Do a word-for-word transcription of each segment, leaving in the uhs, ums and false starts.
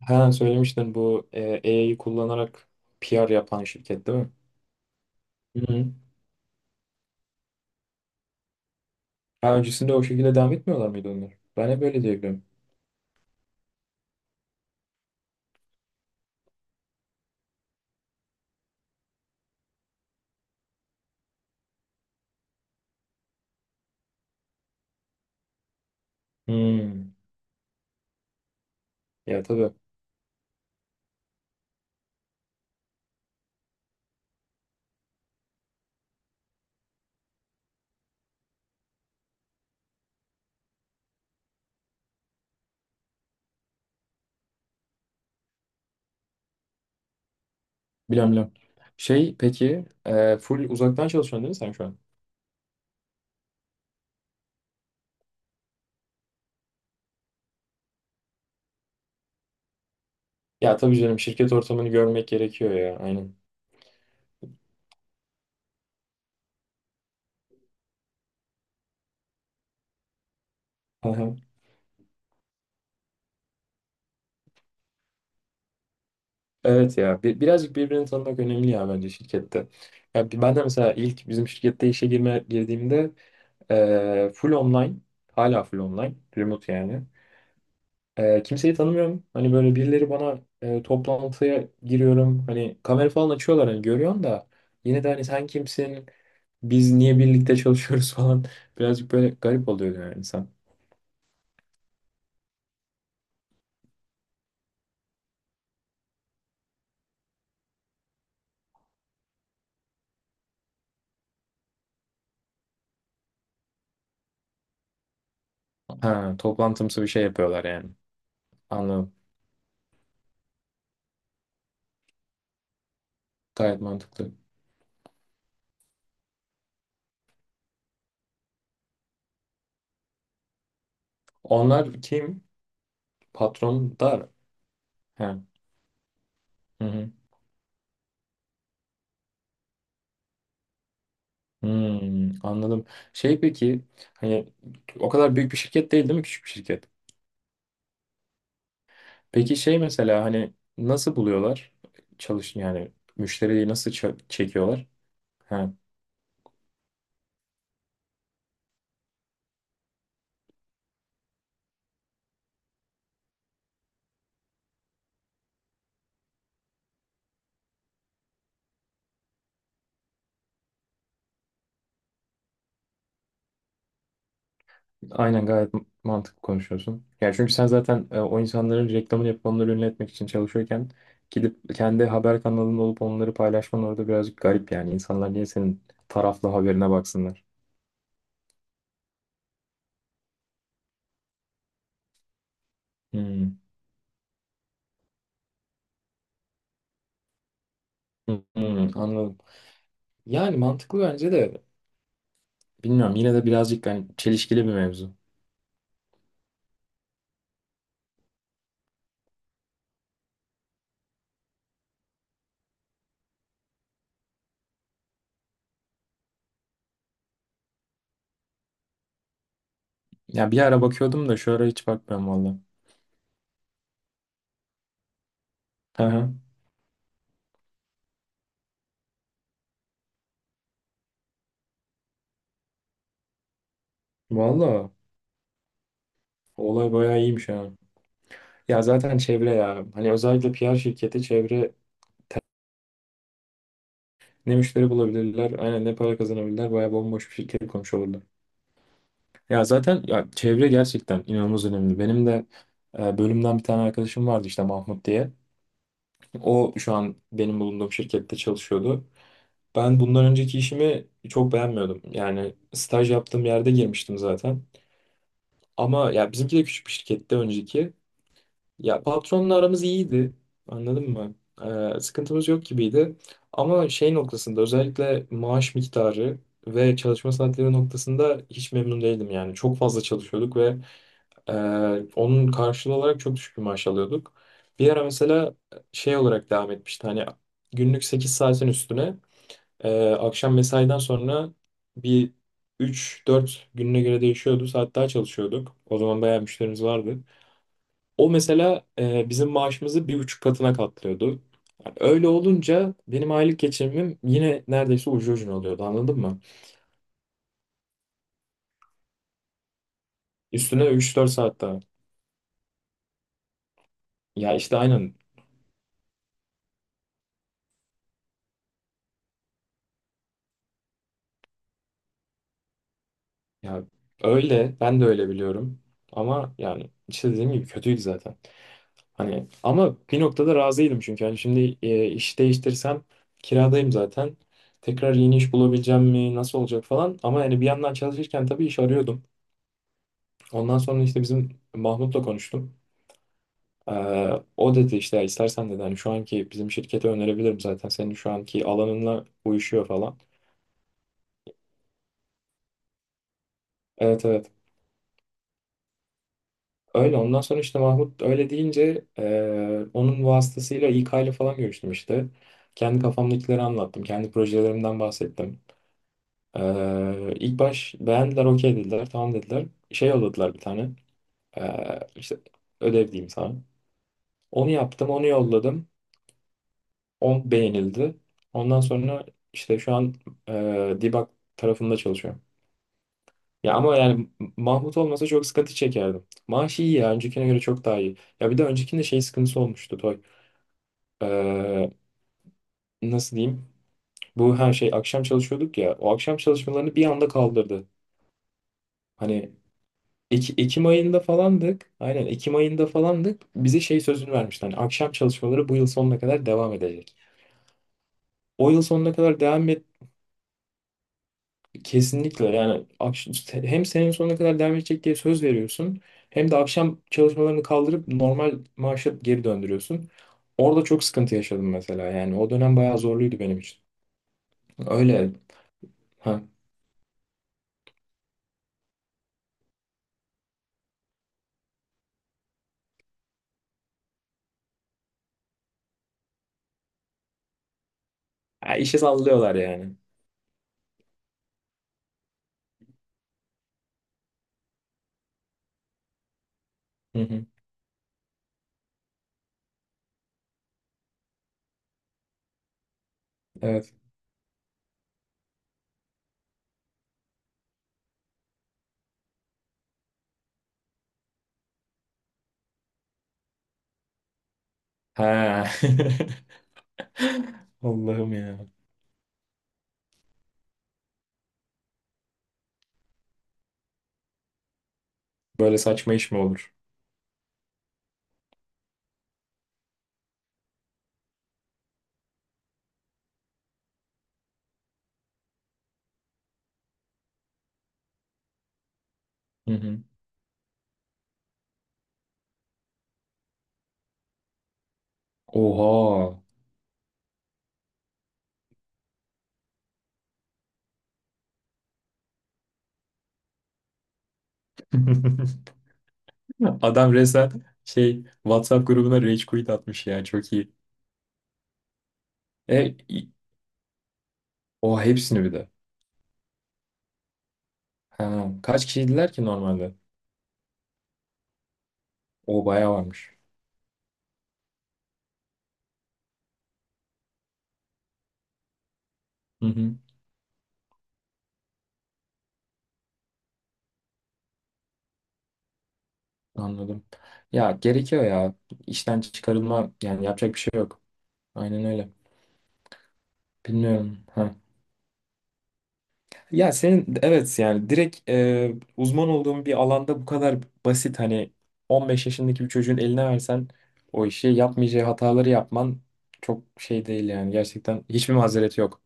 Ha söylemiştin, bu A I'yi kullanarak P R yapan şirket değil mi? Hı hı. Ha, öncesinde o şekilde devam etmiyorlar mıydı onlar? Ben hep öyle diyebiliyorum. Hmm. Ya tabii. Bilmem bilmem. Şey peki, e, full uzaktan çalışıyorsun değil mi sen şu an? Ya tabii canım, şirket ortamını görmek gerekiyor ya. Aynen. Hı hı. Evet ya, bir, birazcık birbirini tanımak önemli ya bence şirkette. Ya, bi- ben de mesela ilk bizim şirkette işe girme, girdiğimde e, full online, hala full online remote yani. E, kimseyi tanımıyorum. Hani böyle birileri bana, e, toplantıya giriyorum. Hani kamera falan açıyorlar, hani görüyorsun da yine de hani sen kimsin? Biz niye birlikte çalışıyoruz falan. Birazcık böyle garip oluyor yani insan. Ha, toplantımsı bir şey yapıyorlar yani. Anladım. Gayet mantıklı. Onlar kim? Patron da. Ha. Hı hı. Hmm, anladım. Şey peki, hani o kadar büyük bir şirket değil değil mi? Küçük bir şirket. Peki şey mesela, hani nasıl buluyorlar, çalış yani müşteriyi nasıl ça- çekiyorlar? Ha, aynen, gayet mantıklı konuşuyorsun. Yani çünkü sen zaten, e, o insanların reklamını yapıp onları ünlü etmek için çalışıyorken gidip kendi haber kanalında olup onları paylaşman orada birazcık garip yani. İnsanlar niye senin taraflı haberine baksınlar? Hmm. Hmm, hmm, anladım. Yani mantıklı bence de, bilmiyorum, yine de birazcık hani çelişkili bir mevzu. Ya bir ara bakıyordum da şu ara hiç bakmıyorum valla. Hı hı. Valla. Olay bayağı iyiymiş ha. Ya zaten çevre ya. Hani özellikle P R şirketi, çevre ne müşteri bulabilirler, aynen, ne para kazanabilirler. Bayağı bomboş bir şirket kurmuş olurdu. Ya zaten ya, çevre gerçekten inanılmaz önemli. Benim de e, bölümden bir tane arkadaşım vardı işte, Mahmut diye. O şu an benim bulunduğum şirkette çalışıyordu. Ben bundan önceki işimi çok beğenmiyordum. Yani staj yaptığım yerde girmiştim zaten. Ama ya bizimki de küçük bir şirkette, önceki. Ya patronla aramız iyiydi. Anladın mı? Ee, sıkıntımız yok gibiydi. Ama şey noktasında, özellikle maaş miktarı ve çalışma saatleri noktasında hiç memnun değildim yani. Çok fazla çalışıyorduk ve e, onun karşılığı olarak çok düşük bir maaş alıyorduk. Bir ara mesela şey olarak devam etmişti. Hani günlük sekiz saatin üstüne e, akşam mesaiden sonra bir, üç dört gününe göre değişiyordu. Saat daha çalışıyorduk. O zaman bayağı müşterimiz vardı. O mesela e, bizim maaşımızı bir buçuk katına katlıyordu. Yani öyle olunca benim aylık geçimim yine neredeyse ucu ucuna oluyordu, anladın mı? Üstüne üç dört saat daha. Ya işte aynen, ya öyle, ben de öyle biliyorum. Ama yani işte dediğim gibi kötüydü zaten. Hani ama bir noktada razıydım, çünkü hani şimdi e, iş değiştirsem kiradayım zaten. Tekrar yeni iş bulabileceğim mi, nasıl olacak falan. Ama yani bir yandan çalışırken tabii iş arıyordum. Ondan sonra işte bizim Mahmut'la konuştum. Ee, o dedi, işte istersen dedi, hani şu anki bizim şirkete önerebilirim, zaten senin şu anki alanınla uyuşuyor falan. Evet evet. Öyle, ondan sonra işte Mahmut öyle deyince e, onun vasıtasıyla İK ile falan görüştüm işte. Kendi kafamdakileri anlattım. Kendi projelerimden bahsettim. Ee, ilk baş beğendiler, okey dediler, tamam dediler. Şey yolladılar bir tane. Ee, işte ödev diyeyim sana. Onu yaptım, onu yolladım. O beğenildi. Ondan sonra işte şu an e, Dibak tarafında çalışıyorum. Ya ama yani Mahmut olmasa çok sıkıntı çekerdim. Maaş iyi ya. Öncekine göre çok daha iyi. Ya bir de öncekinde şey sıkıntısı olmuştu Toy. E, nasıl diyeyim? Bu her şey akşam çalışıyorduk ya. O akşam çalışmalarını bir anda kaldırdı. Hani Eki- Ekim ayında falandık. Aynen Ekim ayında falandık. Bize şey sözünü vermişti. Hani akşam çalışmaları bu yıl sonuna kadar devam edecek. O yıl sonuna kadar devam. Kesinlikle yani akş- işte hem senin sonuna kadar devam edecek diye söz veriyorsun, hem de akşam çalışmalarını kaldırıp normal maaşa geri döndürüyorsun. Orada çok sıkıntı yaşadım mesela, yani o dönem bayağı zorluydu benim için. Öyle. Ha, ha, işe sallıyorlar yani. Hı hı. Evet. Ha. Allah'ım ya. Böyle saçma iş mi olur? Hı hı. Oha. Adam resmen şey, WhatsApp grubuna rage quit atmış ya, çok iyi. E, i- O hepsini bir de. Ha, kaç kişiydiler ki normalde? O bayağı varmış. Hı hı, anladım. Ya gerekiyor ya. İşten çıkarılma yani, yapacak bir şey yok. Aynen öyle. Bilmiyorum. Ha. Ya senin, evet yani direkt, e, uzman olduğun bir alanda bu kadar basit, hani on beş yaşındaki bir çocuğun eline versen o işi yapmayacağı hataları yapman çok şey değil yani, gerçekten hiçbir mazereti yok.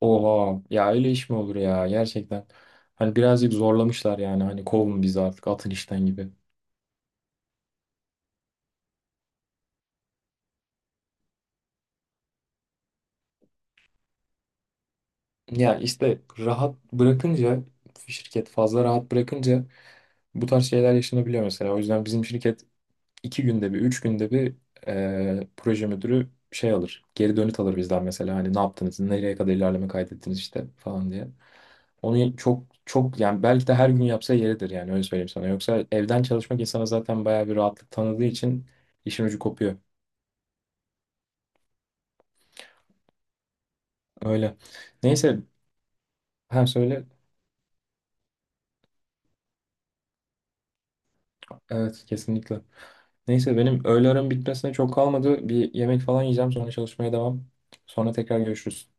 Oha ya, öyle iş mi olur ya gerçekten. Hani birazcık zorlamışlar yani, hani kovun bizi artık, atın işten gibi. Ya işte rahat bırakınca, şirket fazla rahat bırakınca bu tarz şeyler yaşanabiliyor mesela. O yüzden bizim şirket iki günde bir, üç günde bir e, proje müdürü şey alır, geri dönüt alır bizden mesela. Hani ne yaptınız, nereye kadar ilerleme kaydettiniz işte falan diye. Onu çok çok, yani belki de her gün yapsa yeridir yani, öyle söyleyeyim sana. Yoksa evden çalışmak insana zaten bayağı bir rahatlık tanıdığı için işin ucu kopuyor. Öyle. Neyse, hem söyle. Evet kesinlikle. Neyse, benim öğle aram bitmesine çok kalmadı. Bir yemek falan yiyeceğim, sonra çalışmaya devam. Sonra tekrar görüşürüz.